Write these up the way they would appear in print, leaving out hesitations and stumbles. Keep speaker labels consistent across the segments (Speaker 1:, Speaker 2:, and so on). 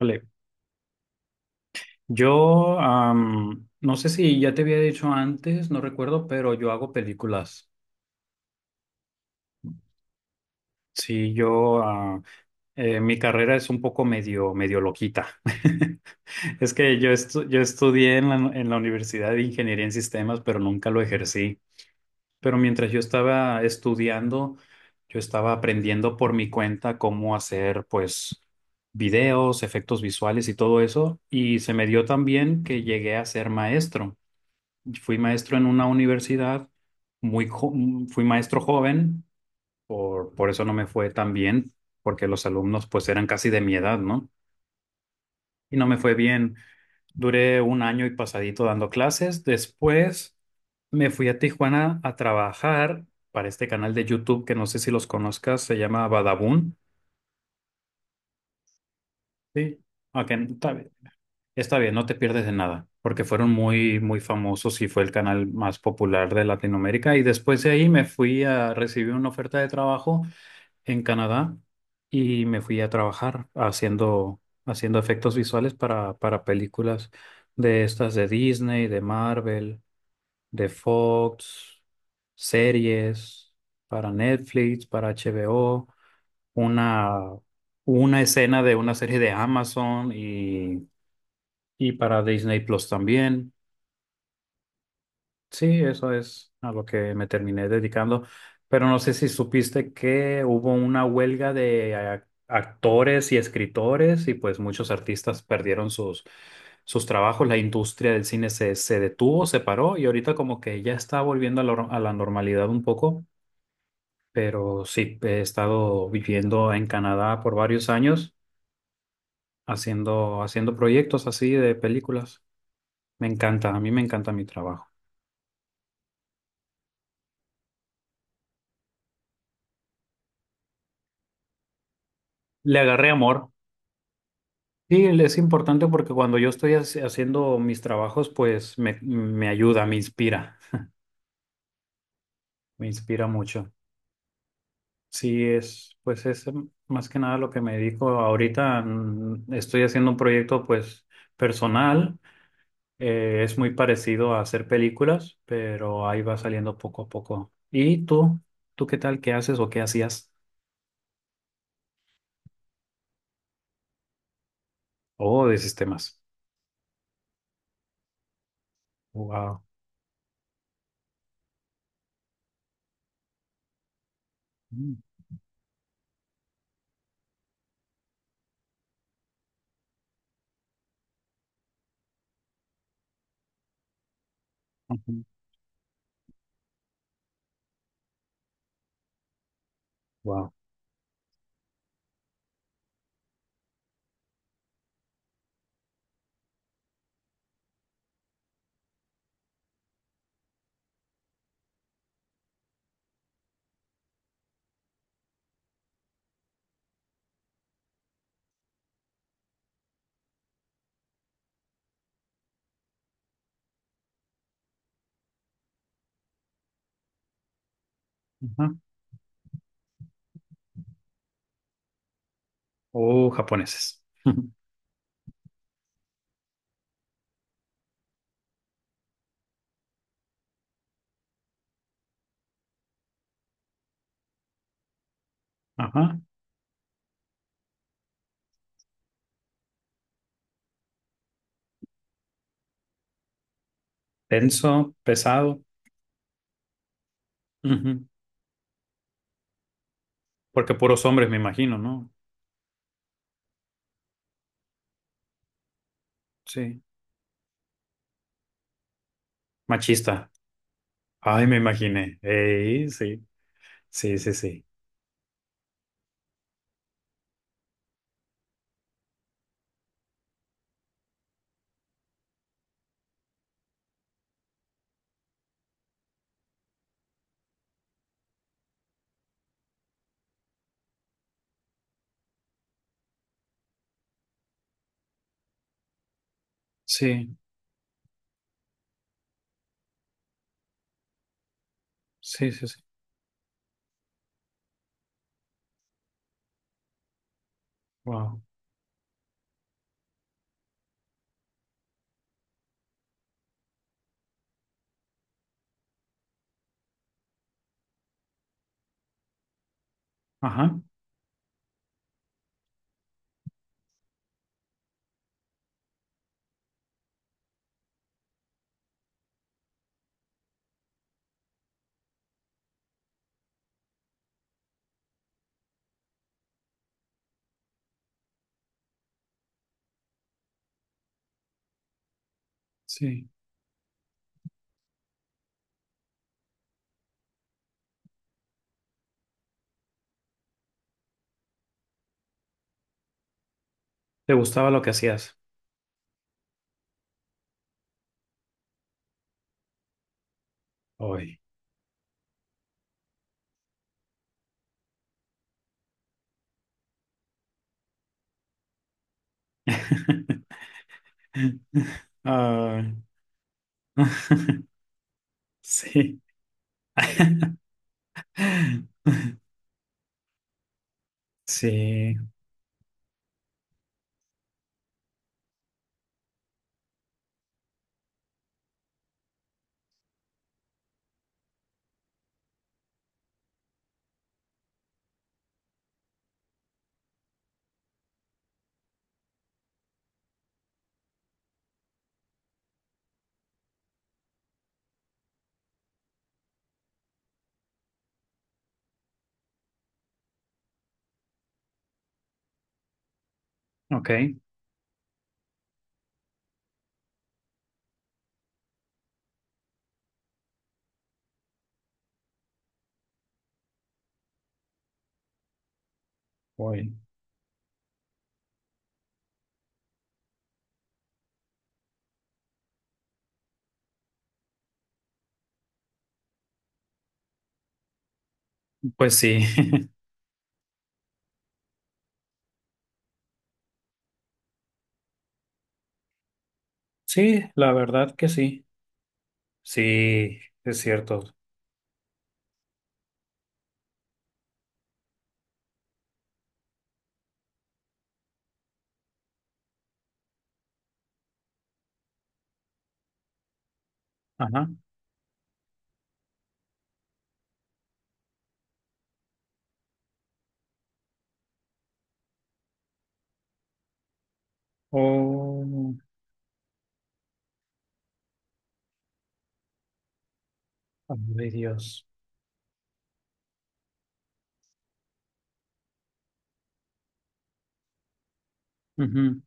Speaker 1: Vale. No sé si ya te había dicho antes, no recuerdo, pero yo hago películas. Sí, yo ah, Mi carrera es un poco medio loquita. Es que yo estudié en la Universidad de Ingeniería en Sistemas, pero nunca lo ejercí. Pero mientras yo estaba estudiando, yo estaba aprendiendo por mi cuenta cómo hacer, pues, videos, efectos visuales y todo eso. Y se me dio también que llegué a ser maestro. Fui maestro en una universidad, muy jo- fui maestro joven, por eso no me fue tan bien, porque los alumnos pues eran casi de mi edad, ¿no? Y no me fue bien. Duré un año y pasadito dando clases. Después me fui a Tijuana a trabajar para este canal de YouTube que no sé si los conozcas, se llama Badabun. Sí. Ok, está- Está bien, no te pierdes de nada, porque fueron muy, muy famosos y fue el canal más popular de Latinoamérica. Y después de ahí me fui a recibir una oferta de trabajo en Canadá y me fui a trabajar haciendo efectos visuales para películas de estas de Disney, de Marvel, de Fox, series, para Netflix, para HBO, una, una escena de una serie de Amazon y para Disney Plus también. Sí, eso es a lo que me terminé dedicando. Pero no sé si supiste que hubo una huelga de actores y escritores y pues muchos artistas perdieron sus, sus trabajos. La industria del cine se detuvo, se paró y ahorita como que ya está volviendo a la normalidad un poco. Pero sí, he estado viviendo en Canadá por varios años haciendo proyectos así de películas. Me encanta, a mí me encanta mi trabajo. Le agarré amor. Sí, es importante porque cuando yo estoy haciendo mis trabajos, pues me ayuda, me inspira mucho. Sí, es, pues es más que nada lo que me dedico ahorita. Estoy haciendo un proyecto, pues, personal. Es muy parecido a hacer películas, pero ahí va saliendo poco a poco. ¿Y tú? ¿Tú qué tal? ¿Qué haces o qué hacías? Oh, de sistemas. Wow. Wow. Ajá. Oh, japoneses. Ajá. Tenso, pesado. Ujú. Porque puros hombres, me imagino, ¿no? Sí. Machista. Ay, me imaginé. Ey, sí. Sí, sí, sí. Sí, sí, sí, sí. Wow. Ajá. Sí. ¿Te gustaba lo que hacías? Hoy. Ay. Sí. Sí. Ok. Hoy. Pues sí. Sí, la verdad que sí. Sí, es cierto. Ajá. Oh. Ay, Dios. Ujú.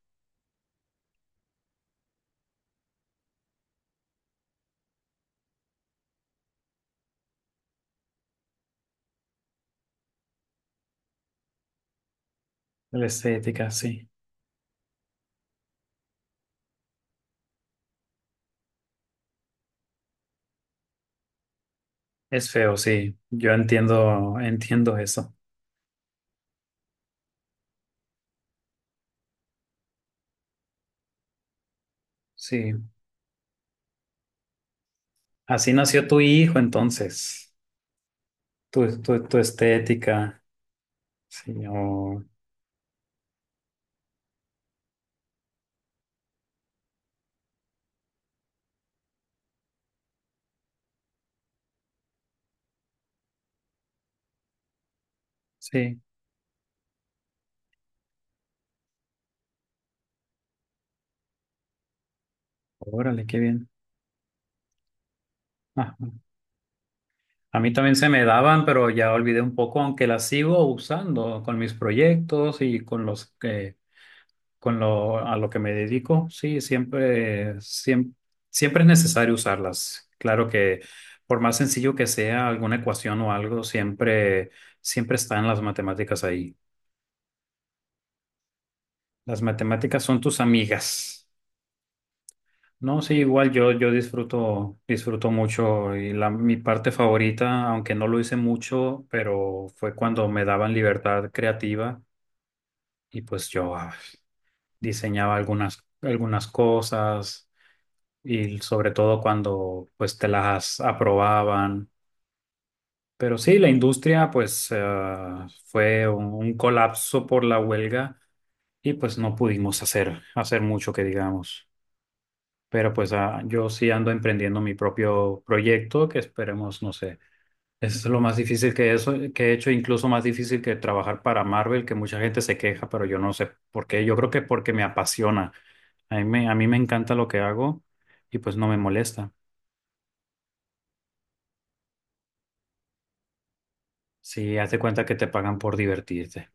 Speaker 1: La estética, sí. Es feo, sí. Yo entiendo, entiendo eso. Sí. Así nació tu hijo, entonces. Tu estética. Sí. O-. Sí. Órale, qué bien. Ajá. A mí también se me daban, pero ya olvidé un poco, aunque las sigo usando con mis proyectos y con los que. Con a lo que me dedico, sí, siempre, siempre, siempre es necesario usarlas. Claro que por más sencillo que sea alguna ecuación o algo, siempre, siempre están las matemáticas ahí. Las matemáticas son tus amigas. No, sí, igual yo disfruto, disfruto mucho y mi parte favorita, aunque no lo hice mucho, pero fue cuando me daban libertad creativa y pues diseñaba algunas, algunas cosas y sobre todo cuando pues te las aprobaban. Pero sí, la industria pues fue un colapso por la huelga y pues no pudimos hacer, hacer mucho que digamos. Pero pues yo sí ando emprendiendo mi propio proyecto que esperemos, no sé, es lo más difícil que eso, que he hecho, incluso más difícil que trabajar para Marvel, que mucha gente se queja, pero yo no sé por qué. Yo creo que porque me apasiona. A mí me encanta lo que hago y pues no me molesta. Sí, haz de cuenta que te pagan por divertirte.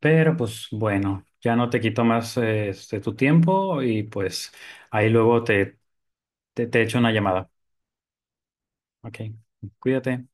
Speaker 1: Pero pues bueno, ya no te quito más este, tu tiempo y pues ahí luego te echo una llamada. Ok, cuídate.